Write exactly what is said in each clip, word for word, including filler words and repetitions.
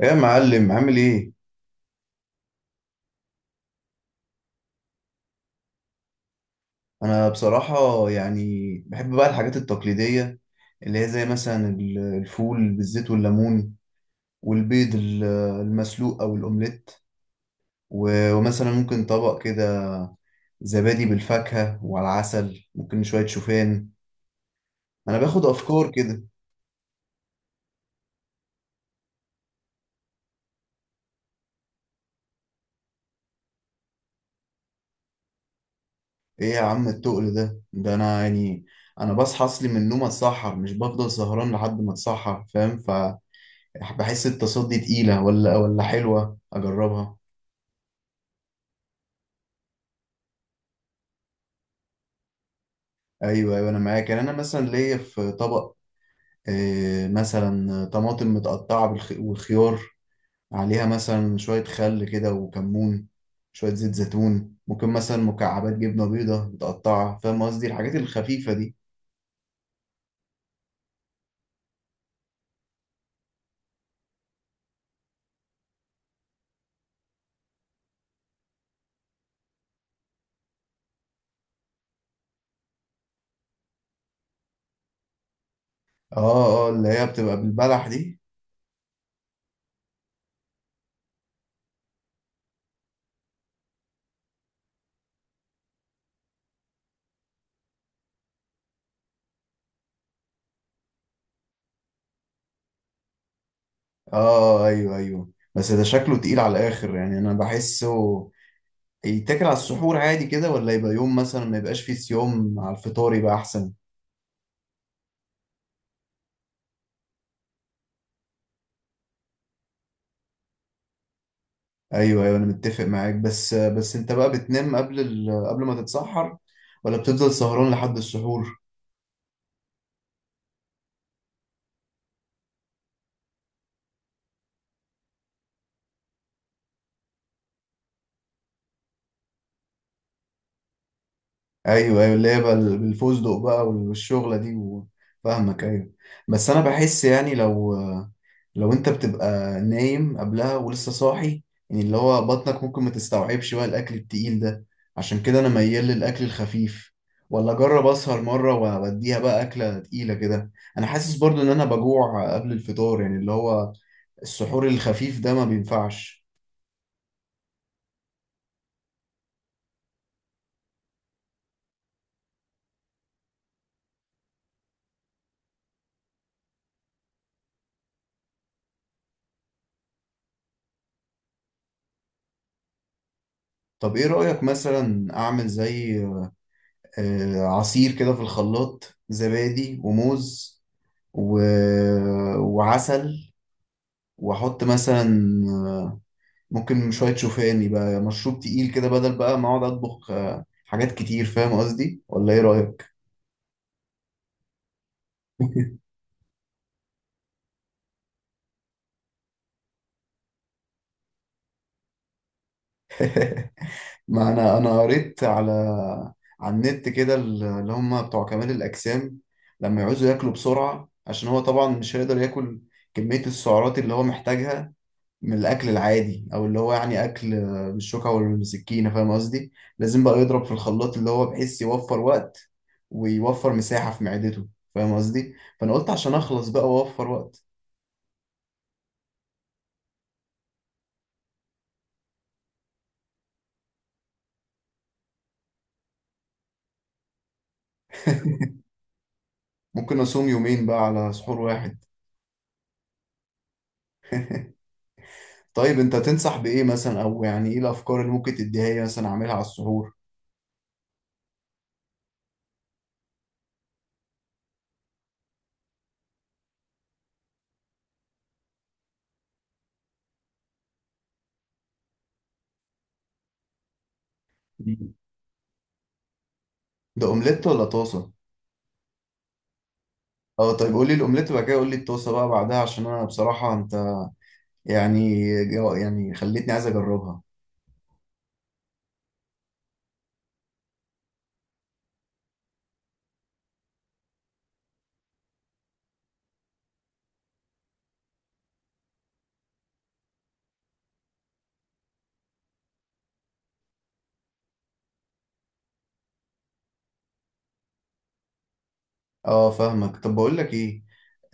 ايه يا معلم عامل ايه؟ انا بصراحة يعني بحب بقى الحاجات التقليدية اللي هي زي مثلا ال- الفول بالزيت والليمون والبيض ال- المسلوق او الاومليت، و- ومثلا ممكن طبق كده زبادي بالفاكهة وعلى العسل، ممكن شوية شوفان. انا باخد افكار كده. ايه يا عم التقل ده؟ ده انا يعني انا بصحى اصلي من النوم اتسحر، مش بفضل سهران لحد ما اتسحر فاهم؟ فبحس التصدي تقيلة، ولا ولا حلوة اجربها. ايوه ايوه انا معاك. يعني انا مثلا ليا في طبق، آه، مثلا طماطم متقطعه بالخ- والخيار، عليها مثلا شويه خل كده وكمون، شويه زيت زيتون، ممكن مثلا مكعبات جبنه بيضه متقطعه. فاهم قصدي الحاجات الخفيفه دي. اه اه، اللي هي بتبقى بالبلح دي. اه آه، ايوه ايوه، بس ده شكله تقيل على الاخر، يعني انا بحسه يتاكل على السحور عادي كده، ولا يبقى يوم مثلا ما يبقاش فيه صيام، على الفطار يبقى احسن. ايوه ايوه انا متفق معاك، بس بس انت بقى بتنام قبل ال... قبل ما تتسحر، ولا بتفضل سهران لحد السحور؟ ايوه ايوه، اللي هي بقى ال- الفستق بقى والشغله دي و- فاهمك ايوه. بس انا بحس يعني لو لو انت بتبقى نايم قبلها ولسه صاحي، يعني اللي هو بطنك ممكن ما تستوعبش بقى الاكل التقيل ده. عشان كده انا ميال للاكل الخفيف، ولا اجرب اسهر مره واديها بقى اكله تقيله كده؟ انا حاسس برضو ان انا بجوع قبل الفطار، يعني اللي هو السحور الخفيف ده ما بينفعش. طب ايه رأيك مثلا اعمل زي آه، عصير كده في الخلاط، زبادي وموز و... وعسل، واحط مثلا ممكن شوية شوفان، يبقى مشروب تقيل كده بدل بقى ما اقعد اطبخ آه، حاجات كتير. فاهم قصدي ولا ايه رأيك؟ ما انا انا قريت على على النت كده، اللي هم بتوع كمال الاجسام لما يعوزوا ياكلوا بسرعه، عشان هو طبعا مش هيقدر ياكل كميه السعرات اللي هو محتاجها من الاكل العادي، او اللي هو يعني اكل بالشوكه والسكينه، فاهم قصدي؟ لازم بقى يضرب في الخلاط اللي هو بحيث يوفر وقت ويوفر مساحه في معدته، فاهم قصدي؟ فانا قلت عشان اخلص بقى واوفر وقت. ممكن اصوم يومين بقى على سحور واحد. طيب انت تنصح بايه مثلا، او يعني ايه الافكار اللي ممكن تديها لي مثلا اعملها على السحور؟ ده اومليت ولا طاسه؟ اه طيب قول لي الاومليت وبعد كده قول لي الطاسه بقى بعدها، عشان انا بصراحه انت يعني يعني خليتني عايز اجربها. اه فاهمك. طب بقول لك ايه،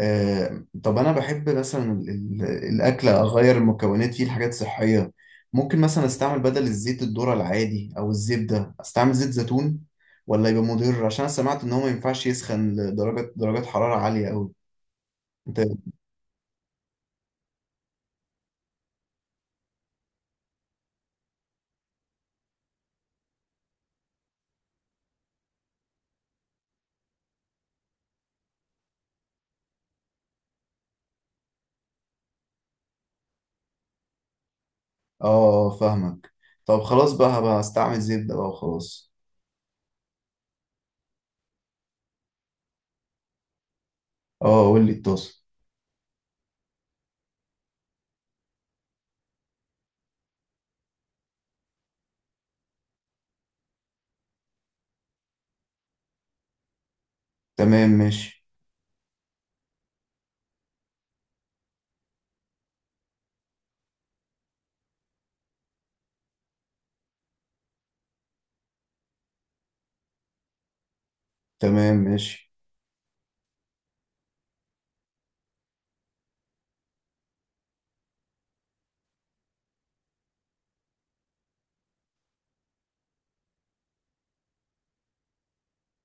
آه طب انا بحب مثلا ال- ال- الاكل اغير المكونات فيه لحاجات صحيه. ممكن مثلا استعمل بدل الزيت الذره العادي او الزبده استعمل زيت زيتون، ولا يبقى مضر؟ عشان انا سمعت ان هو ما ينفعش يسخن لدرجه درجات حراره عاليه قوي. انت؟ اه اه فاهمك. طب خلاص بقى هبقى استعمل زبدة بقى وخلاص. اه قول لي الطاسة. تمام ماشي. تمام ماشي.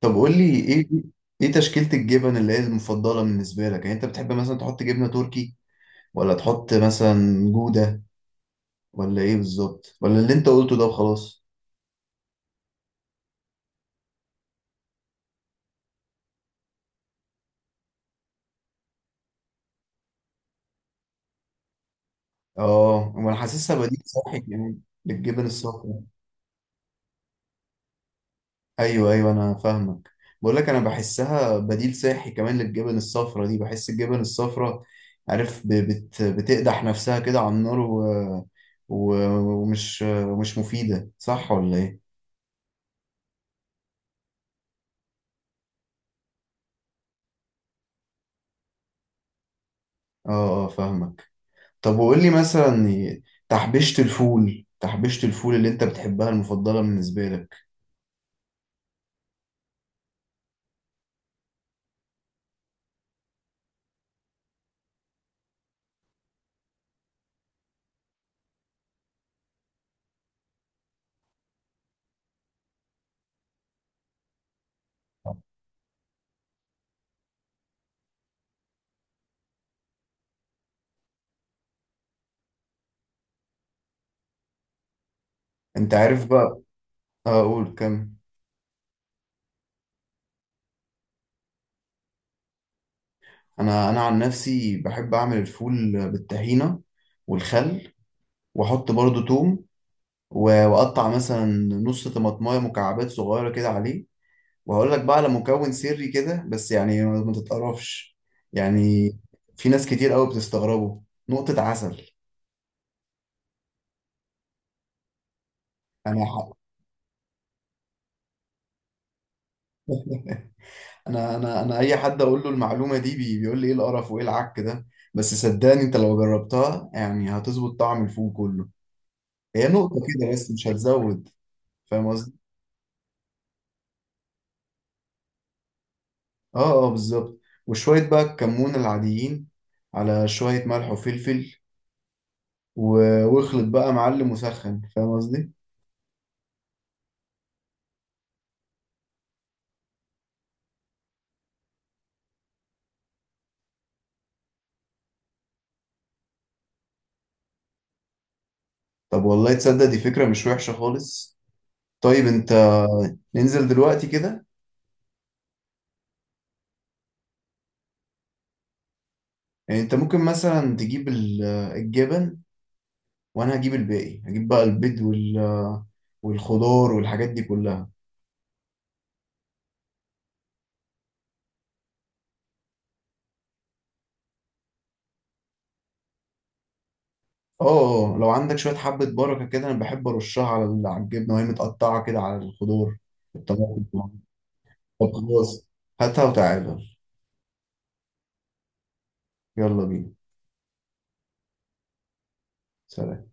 طب قول لي ايه، ايه تشكيلة الجبن اللي هي المفضلة بالنسبة لك؟ يعني انت بتحب مثلا تحط جبنة تركي، ولا تحط مثلا جودة، ولا ايه بالظبط، ولا اللي انت قلته ده وخلاص؟ اه انا حاسسها بديل صحي كمان للجبن الصفراء. ايوه ايوه انا فاهمك. بقول لك انا بحسها بديل صحي كمان للجبن الصفرا دي. بحس الجبن الصفرا، عارف، ب- بت بتقدح نفسها كده على النار و... و... ومش ومش مفيده، صح ولا ايه؟ اه اه فاهمك. طب وقول لي مثلا تحبيشة الفول، تحبيشة الفول اللي انت بتحبها المفضله بالنسبه لك؟ انت عارف بقى. اه قول كم. انا انا عن نفسي بحب اعمل الفول بالطحينه والخل، واحط برضو توم، و- واقطع مثلا نص طماطمايه مكعبات صغيره كده عليه. وهقول لك بقى على مكون سري كده، بس يعني ما ما تتقرفش يعني، في ناس كتير قوي بتستغربه: نقطة عسل. انا ح- انا انا انا اي حد اقول له المعلومه دي بي- بيقول لي ايه القرف وايه العك ده، بس صدقني انت لو جربتها يعني هتظبط طعم الفول كله. هي نقطة كده بس، مش هتزود فاهم قصدي؟ اه اه بالظبط. وشوية بقى الكمون العاديين على شوية ملح وفلفل، و- واخلط بقى معلم وسخن، فاهم قصدي؟ طب والله تصدق دي فكرة مش وحشة خالص. طيب انت، ننزل دلوقتي كده؟ يعني انت ممكن مثلا تجيب ال- الجبن، وانا هجيب الباقي، هجيب بقى البيض وال والخضار والحاجات دي كلها. اه اه اه، لو عندك شوية حبة بركة كده انا بحب ارشها على ال- على الجبنة وهي متقطعة كده، على الخضار، الطماطم. طب خلاص، هاتها وتعالى. يلا بينا. سلام.